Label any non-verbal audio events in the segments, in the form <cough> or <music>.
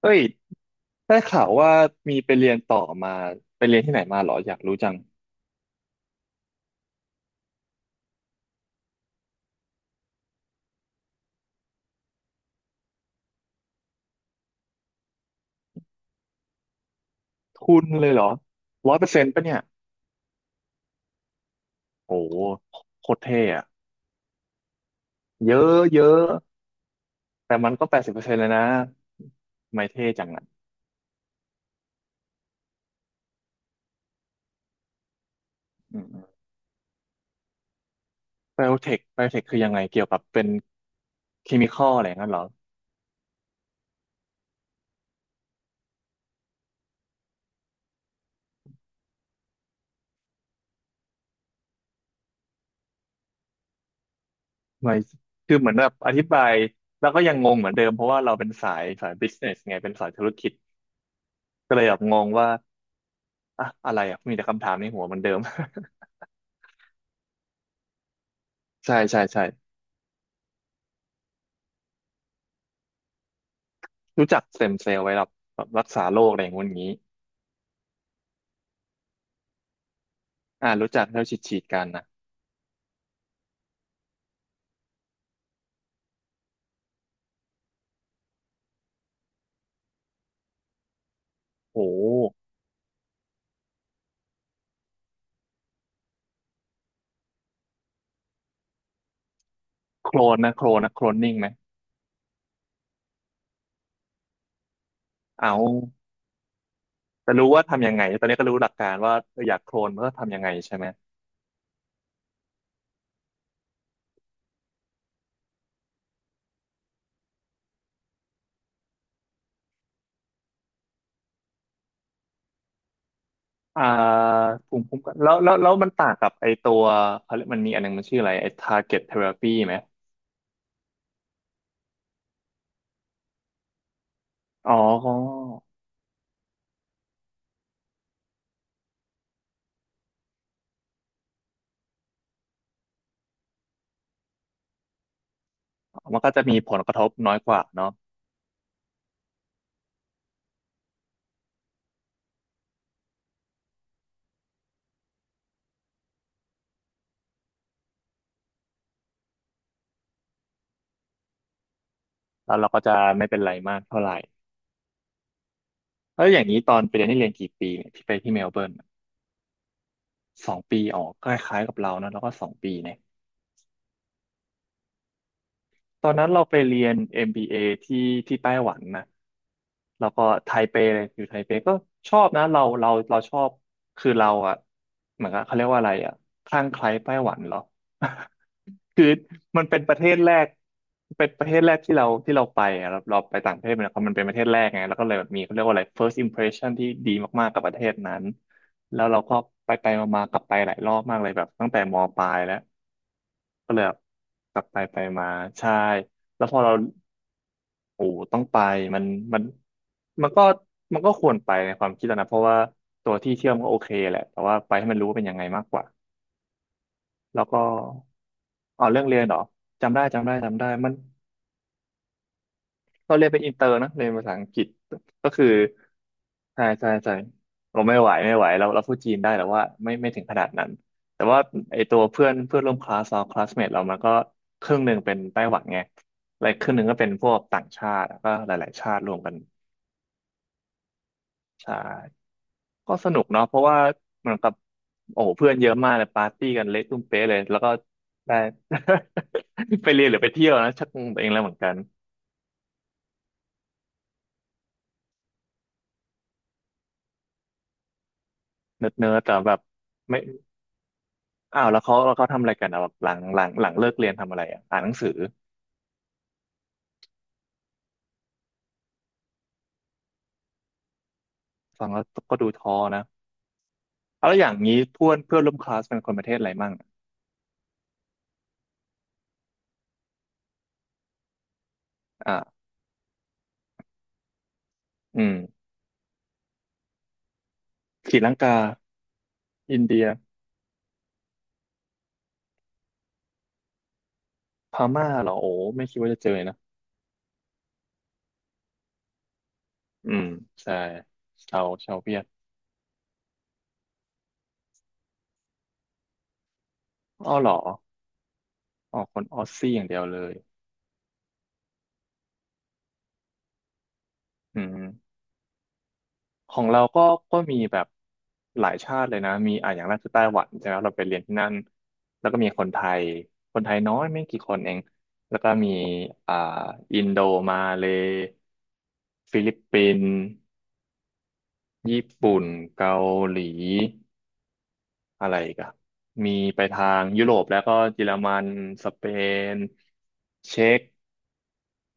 เอ้ยได้ข่าวว่ามีไปเรียนต่อมาไปเรียนที่ไหนมาเหรออยากรู้จังทุนเลยเหรอร้อยเปอร์เซ็นต์ปะเนี่ยโอ้โหโคตรเท่อะเยอะเยอะแต่มันก็แปดสิบเปอร์เซ็นต์เลยนะไม่เท่จังอ่ะอืมไบโอเทคคือยังไงเกี่ยวกับเป็นเคมีคอลอะไรอย่างนั้นเหรอไม่คือเหมือนแบบอธิบายแล้วก็ยังงงเหมือนเดิมเพราะว่าเราเป็นสายบิสเนสไงเป็นสายธุรกิจก็เลยแบบงงว่าอะอะไรอ่ะมีแต่คำถามในหัวเหมือนเดิม <laughs> ใช่ใช่ใช่ รู้จักสเต็มเซลล์ไว้แบบแบบรักษาโรคอะไรอย่างงู้นอย่างนี้อ่ารู้จักที่เราฉีดกันนะโอ้โคลนนะโคลนนิ่งไหม เอาแต่รู้ว่าทำยังไงตอนนี้ก็รู้หลักการว่าเอออยากโคลนมนก็ทำยังไงใช่ไหมอ่าภูมิคุ้มกันแล้วมันต่างกับไอตัวเขาเรียกมันมีอันหนึงมันชื่ออะไรไอ target therapy ไหม อ๋อก็มันก็จะมีผลกระทบน้อยกว่าเนาะแล้วเราก็จะไม่เป็นไรมากเท่าไหร่แล้วอย่างนี้ตอนไปเรียนนี่เรียนกี่ปีเนี่ยที่ไปที่เมลเบิร์นสองปีอ๋อคล้ายๆกับเรานะแล้วก็สองปีเนี่ย ตอนนั้นเราไปเรียน MBA ที่ที่ไต้หวันนะแล้วก็ไทเปเลยอยู่ไทเปก็ชอบนะเราชอบคือเราอะเหมือนกับเขาเรียกว่าอะไรอะคลั่งไคล้ไต้หวันเหรอ <laughs> คือมันเป็นประเทศแรกเป็นประเทศแรกที่เราที่เราไปอะเราไปต่างประเทศมันเป็นประเทศแรกไงแล้วก็เลยแบบมีเขาเรียกว่าอะไร first impression ที่ดีมากๆกับประเทศนั้น แล้วเราก็ไปไปมาๆกลับไปหลายรอบมากเลยแบบตั้งแต่มปลายแล้วก็เลยแบบกลับไปไปมาใช่แล้วพอเราโอ้ต้องไปมันมันมันก็ควรไปในความคิดเรานะเพราะว่าตัวที่เที่ยวมันก็โอเคแหละแต่ว่าไปให้มันรู้ว่าเป็นยังไงมากกว่าแล้วก็อ๋อเรื่องเรียนเหรอจำได้จำได้จำได้มัน เราเรียนเป็นอินเตอร์นะเรียนภาษาอังกฤษก็คือใช่ใช่ใช่เราไม่ไหวไม่ไหวเราพูดจีนได้แต่ว่าไม่ถึงขนาดนั้นแต่ว่าไอตัวเพื่อนเพื่อนร่วมคลาสเราคลาสเมทเรามันก็ครึ่งหนึ่งเป็นไต้หวันไงและครึ่งหนึ่งก็เป็นพวกต่างชาติแล้วก็หลายๆชาติรวมกันใช่ก็สนุกเนาะเพราะว่าเหมือนกับโอ้โหเพื่อนเยอะมากเลยปาร์ตี้กันเละตุ้มเป๊ะเลยแล้วก็ได้ <laughs> ไปเรียนหรือไปเที่ยวนะชักงงตัวเองแล้วเหมือนกันเนิร์ดๆแต่แบบไม่ อ้าวแล้วเขาแล้วเขาทำอะไรกันอ่ะแบบหลังเลิกเรียนทำอะไรอ่ะอ่านหนังสือ ฟังแล้วก็ดูท้อนะเอาแล้วอย่างนี้เพื่อนเพื่อนร่วมคลาสเป็นคนประเทศอะไรมั่งอ่าอืมศรีลังกาอินเดียพม่าเหรอโอ้ไม่คิดว่าจะเจอนะอืมใช่ชาวชาวเวียดอ้อเหรออ๋อคนออสซี่อย่างเดียวเลยอืม ของเราก็ก็มีแบบหลายชาติเลยนะมีอ่ะอย่างแรกคือไต้หวันใช่ไหมเราไปเรียนที่นั่นแล้วก็มีคนไทยคนไทยน้อยไม่กี่คนเองแล้วก็มีอ่าอินโดมาเลย์ฟิลิปปินส์ญี่ปุ่นเกาหลี อะไรอีกันมีไปทางยุโรปแล้วก็เยอรมันสเปนเช็ก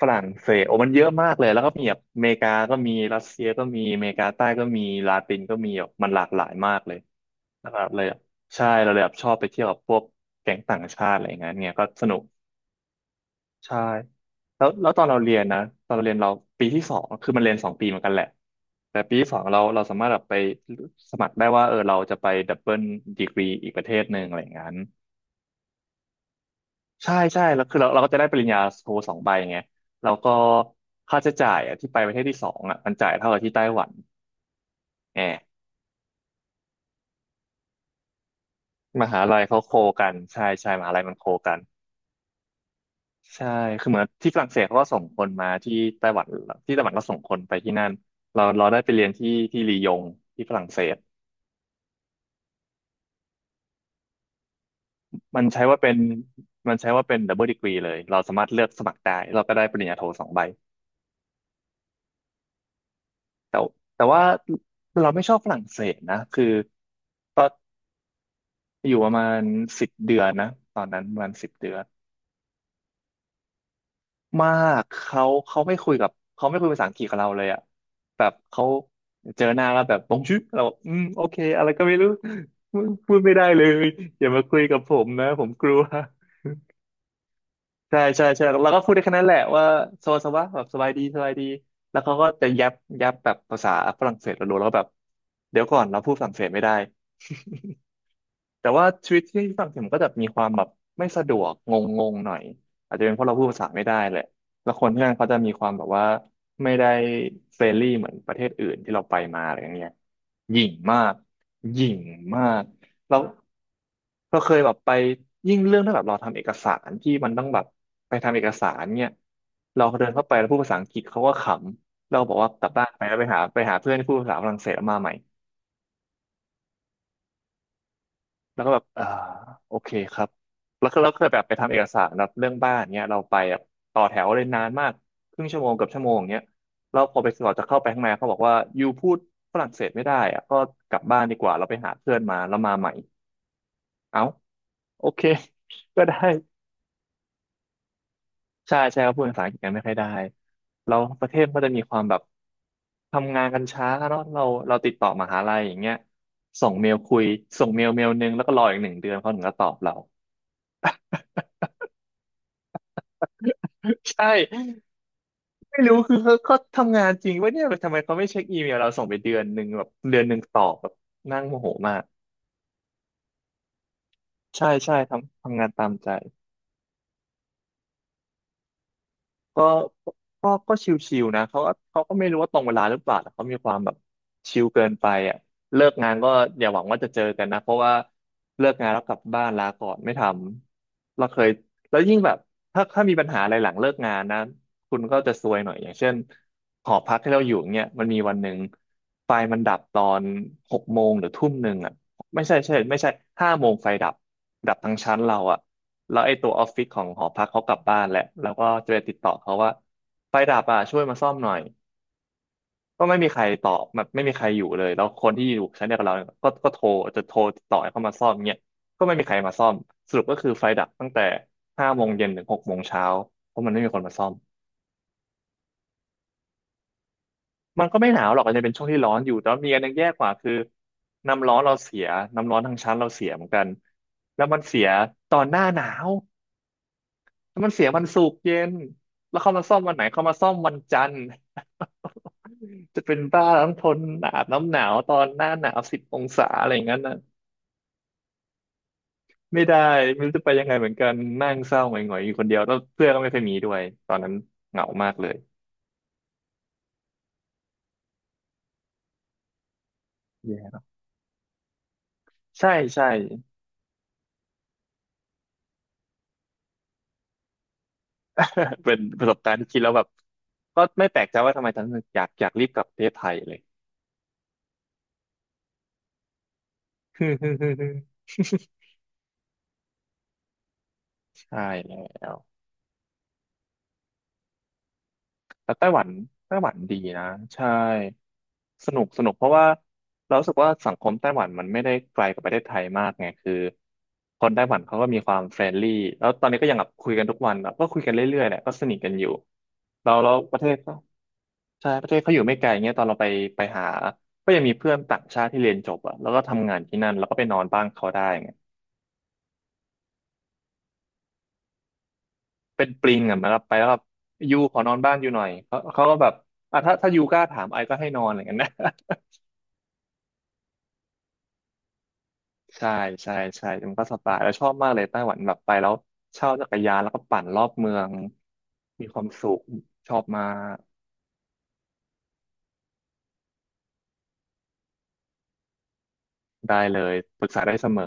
ฝรั่งเศสโอ้มันเยอะมากเลยแล้วก็มีแบบอเมริกาก็มีรัสเซียก็มีอเมริกาใต้ก็มีลาตินก็มีแบบมันหลากหลายมากเลยนะครับเลยแบบใช่เราเลยแบบชอบไปเที่ยวกับพวกแก๊งต่างชาติอะไรอย่างเงี้ยเนี่ยก็สนุก ใช่แล้วแล้วตอนเราเรียนนะตอนเราเรียนเราปีที่สองคือมันเรียนสองปีเหมือนกันแหละแต่ปีที่สองเราสามารถแบบไปสมัครได้ว่าเออเราจะไปดับเบิลดีกรีอีกประเทศหนึ่งอะไรอย่างนั้นใช่ใช่แล้วคือเราก็จะได้ปริญญาโทสองใบไงแล้วก็ค่าใช้จ่ายอะที่ไปประเทศที่สองอ่ะมันจ่ายเท่ากับที่ไต้หวันแหมมหาลัยเขาโคกันใช่ใช่มหาลัยมันโคกัน ใช่คือเหมือนที่ฝรั่งเศสเขาก็ส่งคนมาที่ไต้หวันที่ไต้หวันก็ส่งคนไปที่นั่นเราได้ไปเรียนที่ลียงที่ฝรั่งเศสมันใช้ว่าเป็นมันใช้ว่าเป็นดับเบิลดีกรีเลยเราสามารถเลือกสมัครได้เราก็ได้ปริญญาโทสองใบแต่แต่ว่าเราไม่ชอบฝรั่งเศสนะคือก็อยู่ประมาณสิบเดือนนะตอนนั้นประมาณสิบเดือน มากเขาเขาไม่คุยกับเขาไม่คุยภาษาอังกฤษกับเราเลยอ่ะแบบเขาเจอหน้าแล้วแบบบงชื่อเราบอกอืมโอเคอะไรก็ไม่รู้ <laughs> พูดไม่ได้เลยอย่ามาคุยกับผมนะผมกลัว <laughs> ใช่ใช่ใช่เราก็พูดได้แค่นั้นแหละว่าสวัสดีแบบสบายดีสบายดีแล้วเขาก็จะยับแบบภาษาฝรั่งเศสเราดูแล้วก็แบบเดี๋ยวก่อนเราพูดฝรั่งเศสไม่ได้ <laughs> แต่ว่าชีวิตที่ฝรั่งเศสมก็จะมีความแบบไม่สะดวกงงงหน่อยอาจจะเป็นเพราะเราพูดภาษาไม่ได้แหละแล้วคนที่นั่นเขาจะมีความแบบว่าไม่ได้เฟรนลี่เหมือนประเทศอื่นที่เราไปมาอะไรอย่างเงี้ยหยิ่งมากหยิ่งมากแล้วเราเคยแบบไปยิ่งเรื่องที่แบบเราทำเอกสารที่มันต้องแบบไปทำเอกสารเนี่ยเราเดินเข้าไปแล้วพูดภาษาอังกฤษเขาก็ขำเราบอกว่ากลับบ้านไปแล้วไปหาเพื่อนที่พูดภาษาฝรั่งเศสแล้วมาใหม่ แล้วก็แบบอ่าโอเคครับแล้วก็เราเคยแบบไปทำเอกสารแบบเรื่องบ้านเนี้ยเราไปแบบต่อแถวเลยนานมากครึ่งชั่วโมงเกับชั่วโมงเนี้ยแล้วพอไปสอบจะเข้าไปข้างในเขาบอกว่ายูพูดฝรั่งเศสไม่ได้อะก็กลับบ้านดีกว่าเราไปหาเพื่อนมาแล้วมาใหม่เอ้าโอเค <laughs> ก็ได้ใช่ใช่เขาพูดภาษาอังกฤษกันไม่ค่อยได้เราประเทศก็จะมีความแบบทำงานกันช้าเนาะเราติดต่อมหาลัยอย่างเงี้ยส่งเมลคุยส่งเมลนึงแล้วก็รออีก1 เดือนเขาถึงจะตอบเรา <laughs> ใช่ ไม่รู้คือเขาทำงานจริงว่าเนี่ยทำไมเขาไม่เช็คอีเมลเราส่งไปเดือนหนึ่งแบบเดือนหนึ่งตอบแบบนั่งโมโหมากใช่ใช่ทำงานตามใจ ก็ก็ชิวๆนะเขาก็ไม่รู้ว่าตรงเวลาหรือเปล่าแต่เขามีความแบบชิลเกินไปอ่ะเลิกงานก็อย่าหวังว่าจะเจอกันนะเพราะว่าเลิกงานแล้วกลับบ้านลาก่อนไม่ทำเราเคยแล้วยิ่งแบบถ้ามีปัญหาอะไรหลังเลิกงานนะคุณก็จะซวยหน่อยอย่างเช่นหอพักที่เราอยู่เนี่ยมันมีวันหนึ่งไฟมันดับตอนหกโมงหรือทุ่มหนึ่งอ่ะ ไม่ใช่ใช่ไม่ใช่5 โมงไฟดับทั้งชั้นเราอะแล้วไอ้ตัวออฟฟิศของหอพักเขากลับบ้านแล้วแล้วก็จะไปติดต่อเขาว่าไฟดับอะช่วยมาซ่อมหน่อยก็ไม่มีใครตอบแบบไม่มีใครอยู่เลยแล้วคนที่อยู่ชั้นเดียวกับเราเนี่ยก็ก็โทรจะโทรติดต่อให้เขามาซ่อมเนี่ยก็ไม่มีใครมาซ่อมสรุปก็คือไฟดับตั้งแต่5 โมงเย็นถึง6 โมงเช้าเพราะมันไม่มีคนมาซ่อมมันก็ไม่หนาวหรอกอาจจะเป็นช่วงที่ร้อนอยู่แต่ว่ามีอันหนึงแย่กว่าคือน้ำร้อนเราเสียน้ำร้อนทางชั้นเราเสียเหมือนกันแล้วมันเสียตอนหน้าหนาว แล้วมันเสียวันศุกร์เย็นแล้วเขามาซ่อมวันไหนเขามาซ่อมวันจันทร์ <laughs> จะเป็นบ้าต้องทนอาบน้ำหนาวตอนหน้าหนาว10 องศาอะไรอย่างนั้นน่ะไม่ได้ไม่รู้จะไปยังไงเหมือนกันนั่งเศร้าหงอยๆอยู่คนเดียวแล้วเพื่อนก็ไม่เคอยมีด้วยตอนนั้นเหงามากเลย yeah. ใช่ใช่ <laughs> เป็นประสบการณ์ที่คิดแล้วแบบก็ไม่แปลกใจว่าทำไมฉันอยากรีบกลับประเทศไทยเลย <laughs> ใช่แล้วแต่ไต้หวันดีนะใช่ สนุกเพราะว่าเรารู้สึกว่าสังคมไต้หวันมันไม่ได้ไกลกับประเทศไทยมากไงคือคนไต้หวันเขาก็มีความเฟรนลี่แล้วตอนนี้ก็ยังแบบคุยกันทุกวันแบบก็คุยกันเรื่อยๆแหละก็สนิทกันอยู่เราประเทศก็ใช่ประเทศเขาอยู่ไม่ไกลเงี้ยตอนเราไปหาก็ยังมีเพื่อนต่างชาติที่เรียนจบอะแล้วก็ทำงานที่นั่นแล้วก็ไปนอนบ้านเขาได้ไงเป็นปลิงอะมันก็ไปแล้วแบบยูขอนอนบ้านอยู่หน่อยเขาก็แบบอ่ะถ้ายูกล้าถามไอก็ให้นอนอะไรเงี้ยนะ ใช่ใช่ใช่ มันก็สบายแล้วชอบมากเลยไต้หวันแบบไปแล้วเช่าจักรยานแล้วก็ปั่นรอบเมืองมีความสุขชอบมากได้เลยปรึกษาได้เสมอ